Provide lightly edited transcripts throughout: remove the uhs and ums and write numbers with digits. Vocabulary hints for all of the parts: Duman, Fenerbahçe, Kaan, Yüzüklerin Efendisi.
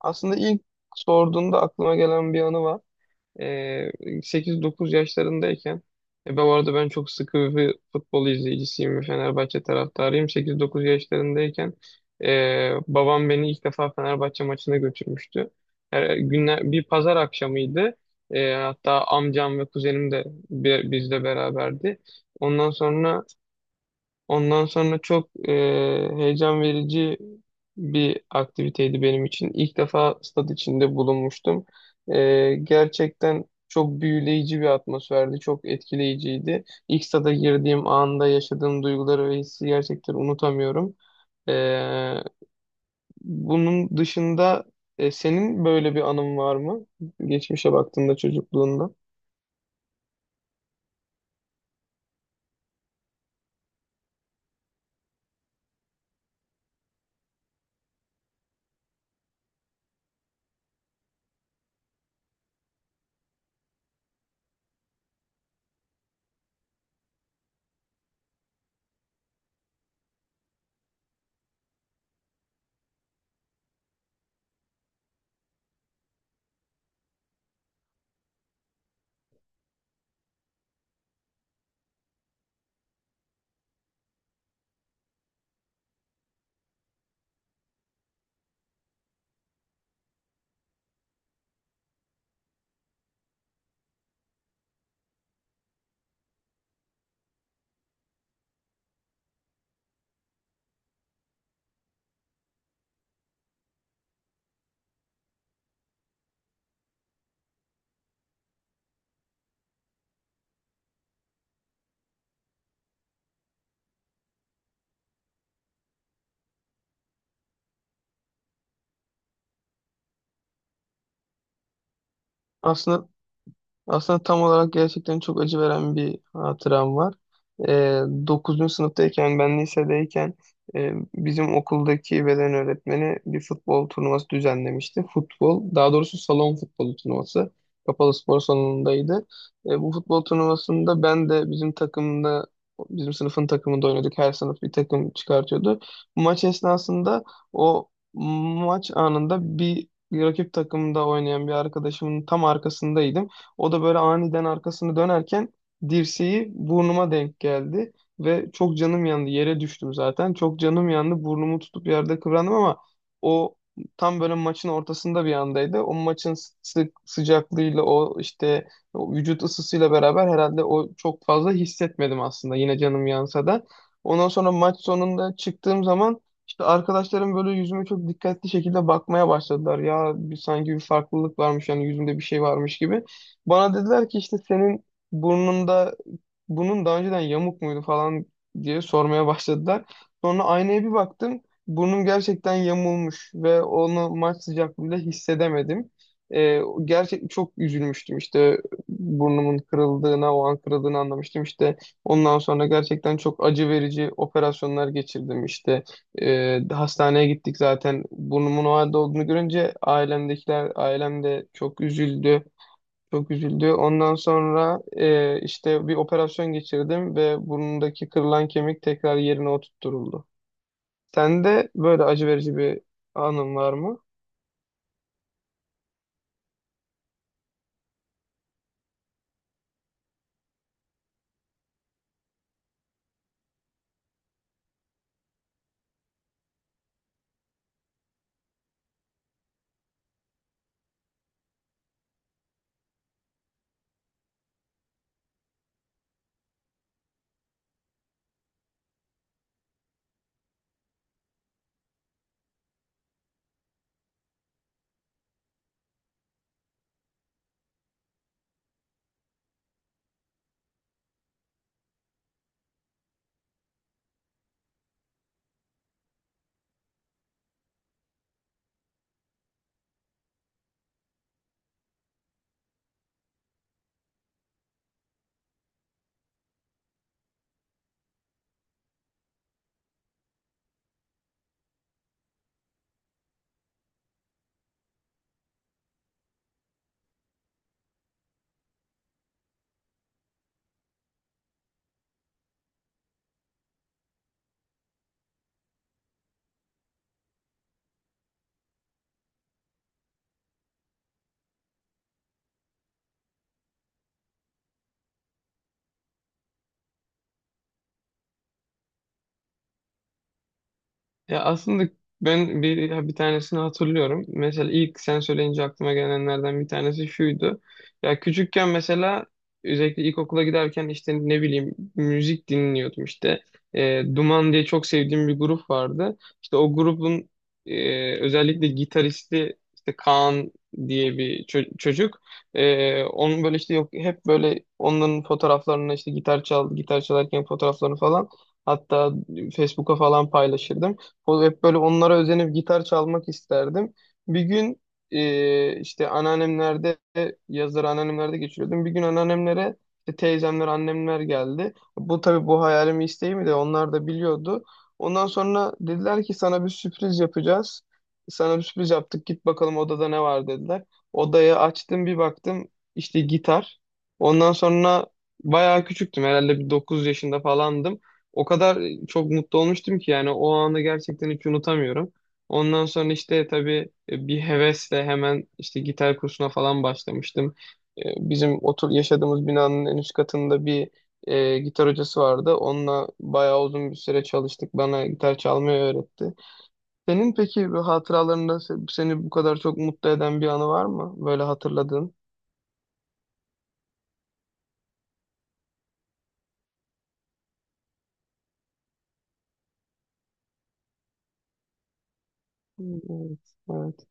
Aslında ilk sorduğunda aklıma gelen bir anı var. Ee, 8-9 yaşlarındayken ben bu arada çok sıkı bir futbol izleyicisiyim ve Fenerbahçe taraftarıyım. 8-9 yaşlarındayken babam beni ilk defa Fenerbahçe maçına götürmüştü. Bir pazar akşamıydı. Hatta amcam ve kuzenim de bizle beraberdi. Ondan sonra Ondan sonra çok heyecan verici bir aktiviteydi benim için. İlk defa stat içinde bulunmuştum. Gerçekten çok büyüleyici bir atmosferdi, çok etkileyiciydi. İlk stada girdiğim anda yaşadığım duyguları ve hissi gerçekten unutamıyorum. E, Bunun dışında senin böyle bir anın var mı? Geçmişe baktığında çocukluğunda. Aslında Aslında tam olarak gerçekten çok acı veren bir hatıram var. Ee, 9. sınıftayken ben lisedeyken bizim okuldaki beden öğretmeni bir futbol turnuvası düzenlemişti. Futbol, daha doğrusu salon futbolu turnuvası. Kapalı spor salonundaydı. Bu futbol turnuvasında ben de bizim sınıfın takımında oynadık. Her sınıf bir takım çıkartıyordu. Maç esnasında o maç anında bir rakip takımda oynayan bir arkadaşımın tam arkasındaydım. O da böyle aniden arkasını dönerken dirseği burnuma denk geldi ve çok canım yandı. Yere düştüm zaten. Çok canım yandı. Burnumu tutup yerde kıvrandım ama o tam böyle maçın ortasında bir andaydı. O maçın sıcaklığıyla o vücut ısısıyla beraber herhalde çok fazla hissetmedim aslında yine canım yansa da. Ondan sonra maç sonunda çıktığım zaman işte arkadaşlarım böyle yüzüme çok dikkatli şekilde bakmaya başladılar. Ya sanki bir farklılık varmış, yani yüzümde bir şey varmış gibi. Bana dediler ki işte senin burnunda bunun daha önceden yamuk muydu falan diye sormaya başladılar. Sonra aynaya bir baktım. Burnum gerçekten yamulmuş ve onu maç sıcaklığında hissedemedim. Gerçek çok üzülmüştüm işte burnumun kırıldığına o an kırıldığını anlamıştım. İşte ondan sonra gerçekten çok acı verici operasyonlar geçirdim işte. Hastaneye gittik zaten. Burnumun o halde olduğunu görünce ailemdekiler ailem de çok üzüldü çok üzüldü. Ondan sonra işte bir operasyon geçirdim ve burnundaki kırılan kemik tekrar yerine oturtturuldu. Sende böyle acı verici bir anın var mı? Ya aslında ben bir tanesini hatırlıyorum. Mesela ilk sen söyleyince aklıma gelenlerden bir tanesi şuydu. Ya küçükken mesela özellikle ilkokula giderken işte ne bileyim müzik dinliyordum işte. Duman diye çok sevdiğim bir grup vardı. İşte o grubun özellikle gitaristi işte Kaan diye bir çocuk. Onun böyle işte yok hep böyle onların fotoğraflarını işte gitar çalarken fotoğraflarını falan, hatta Facebook'a falan paylaşırdım. O hep böyle onlara özenip gitar çalmak isterdim. Bir gün işte yazları anneannemlerde geçiriyordum. Bir gün anneannemlere işte teyzemler, annemler geldi. Bu hayalimi, isteğimi de onlar da biliyordu. Ondan sonra dediler ki sana bir sürpriz yapacağız. Sana bir sürpriz yaptık. Git bakalım odada ne var dediler. Odayı açtım bir baktım işte gitar. Ondan sonra bayağı küçüktüm, herhalde bir 9 yaşında falandım. O kadar çok mutlu olmuştum ki yani o anı gerçekten hiç unutamıyorum. Ondan sonra işte tabii bir hevesle hemen işte gitar kursuna falan başlamıştım. Ee, Bizim yaşadığımız binanın en üst katında bir gitar hocası vardı. Onunla bayağı uzun bir süre çalıştık. Bana gitar çalmayı öğretti. Senin peki bir hatıralarında seni bu kadar çok mutlu eden bir anı var mı? Böyle hatırladığın. Evet, evet.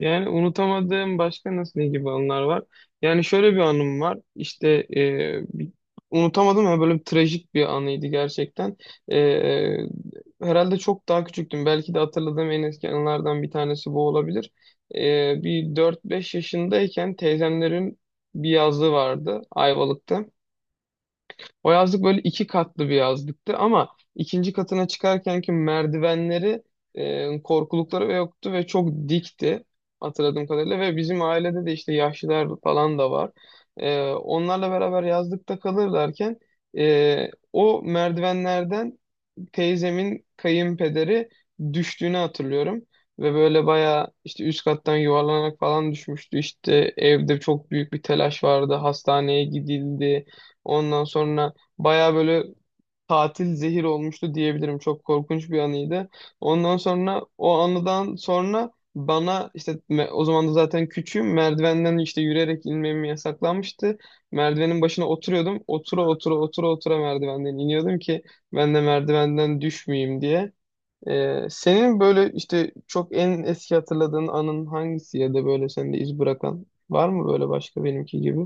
Yani unutamadığım başka nasıl ne gibi anılar var? Yani şöyle bir anım var. İşte e, bir- unutamadım ama böyle bir trajik bir anıydı gerçekten. E, Herhalde çok daha küçüktüm. Belki de hatırladığım en eski anılardan bir tanesi bu olabilir. Bir 4-5 yaşındayken teyzemlerin bir yazlığı vardı Ayvalık'ta. O yazlık böyle iki katlı bir yazlıktı ama ikinci katına çıkarkenki merdivenleri, korkulukları ve yoktu ve çok dikti hatırladığım kadarıyla ve bizim ailede de işte yaşlılar falan da var. Onlarla beraber yazlıkta kalırlarken o merdivenlerden teyzemin kayınpederi düştüğünü hatırlıyorum. Ve böyle bayağı işte üst kattan yuvarlanarak falan düşmüştü. İşte evde çok büyük bir telaş vardı. Hastaneye gidildi. Ondan sonra bayağı böyle tatil zehir olmuştu diyebilirim. Çok korkunç bir anıydı. Ondan sonra o anıdan sonra bana işte o zaman da zaten küçüğüm, merdivenden işte yürüyerek inmem yasaklanmıştı. Merdivenin başına oturuyordum. Otura otura merdivenden iniyordum ki ben de merdivenden düşmeyeyim diye. Senin böyle işte çok en eski hatırladığın anın hangisi ya da böyle sende iz bırakan var mı böyle başka benimki gibi?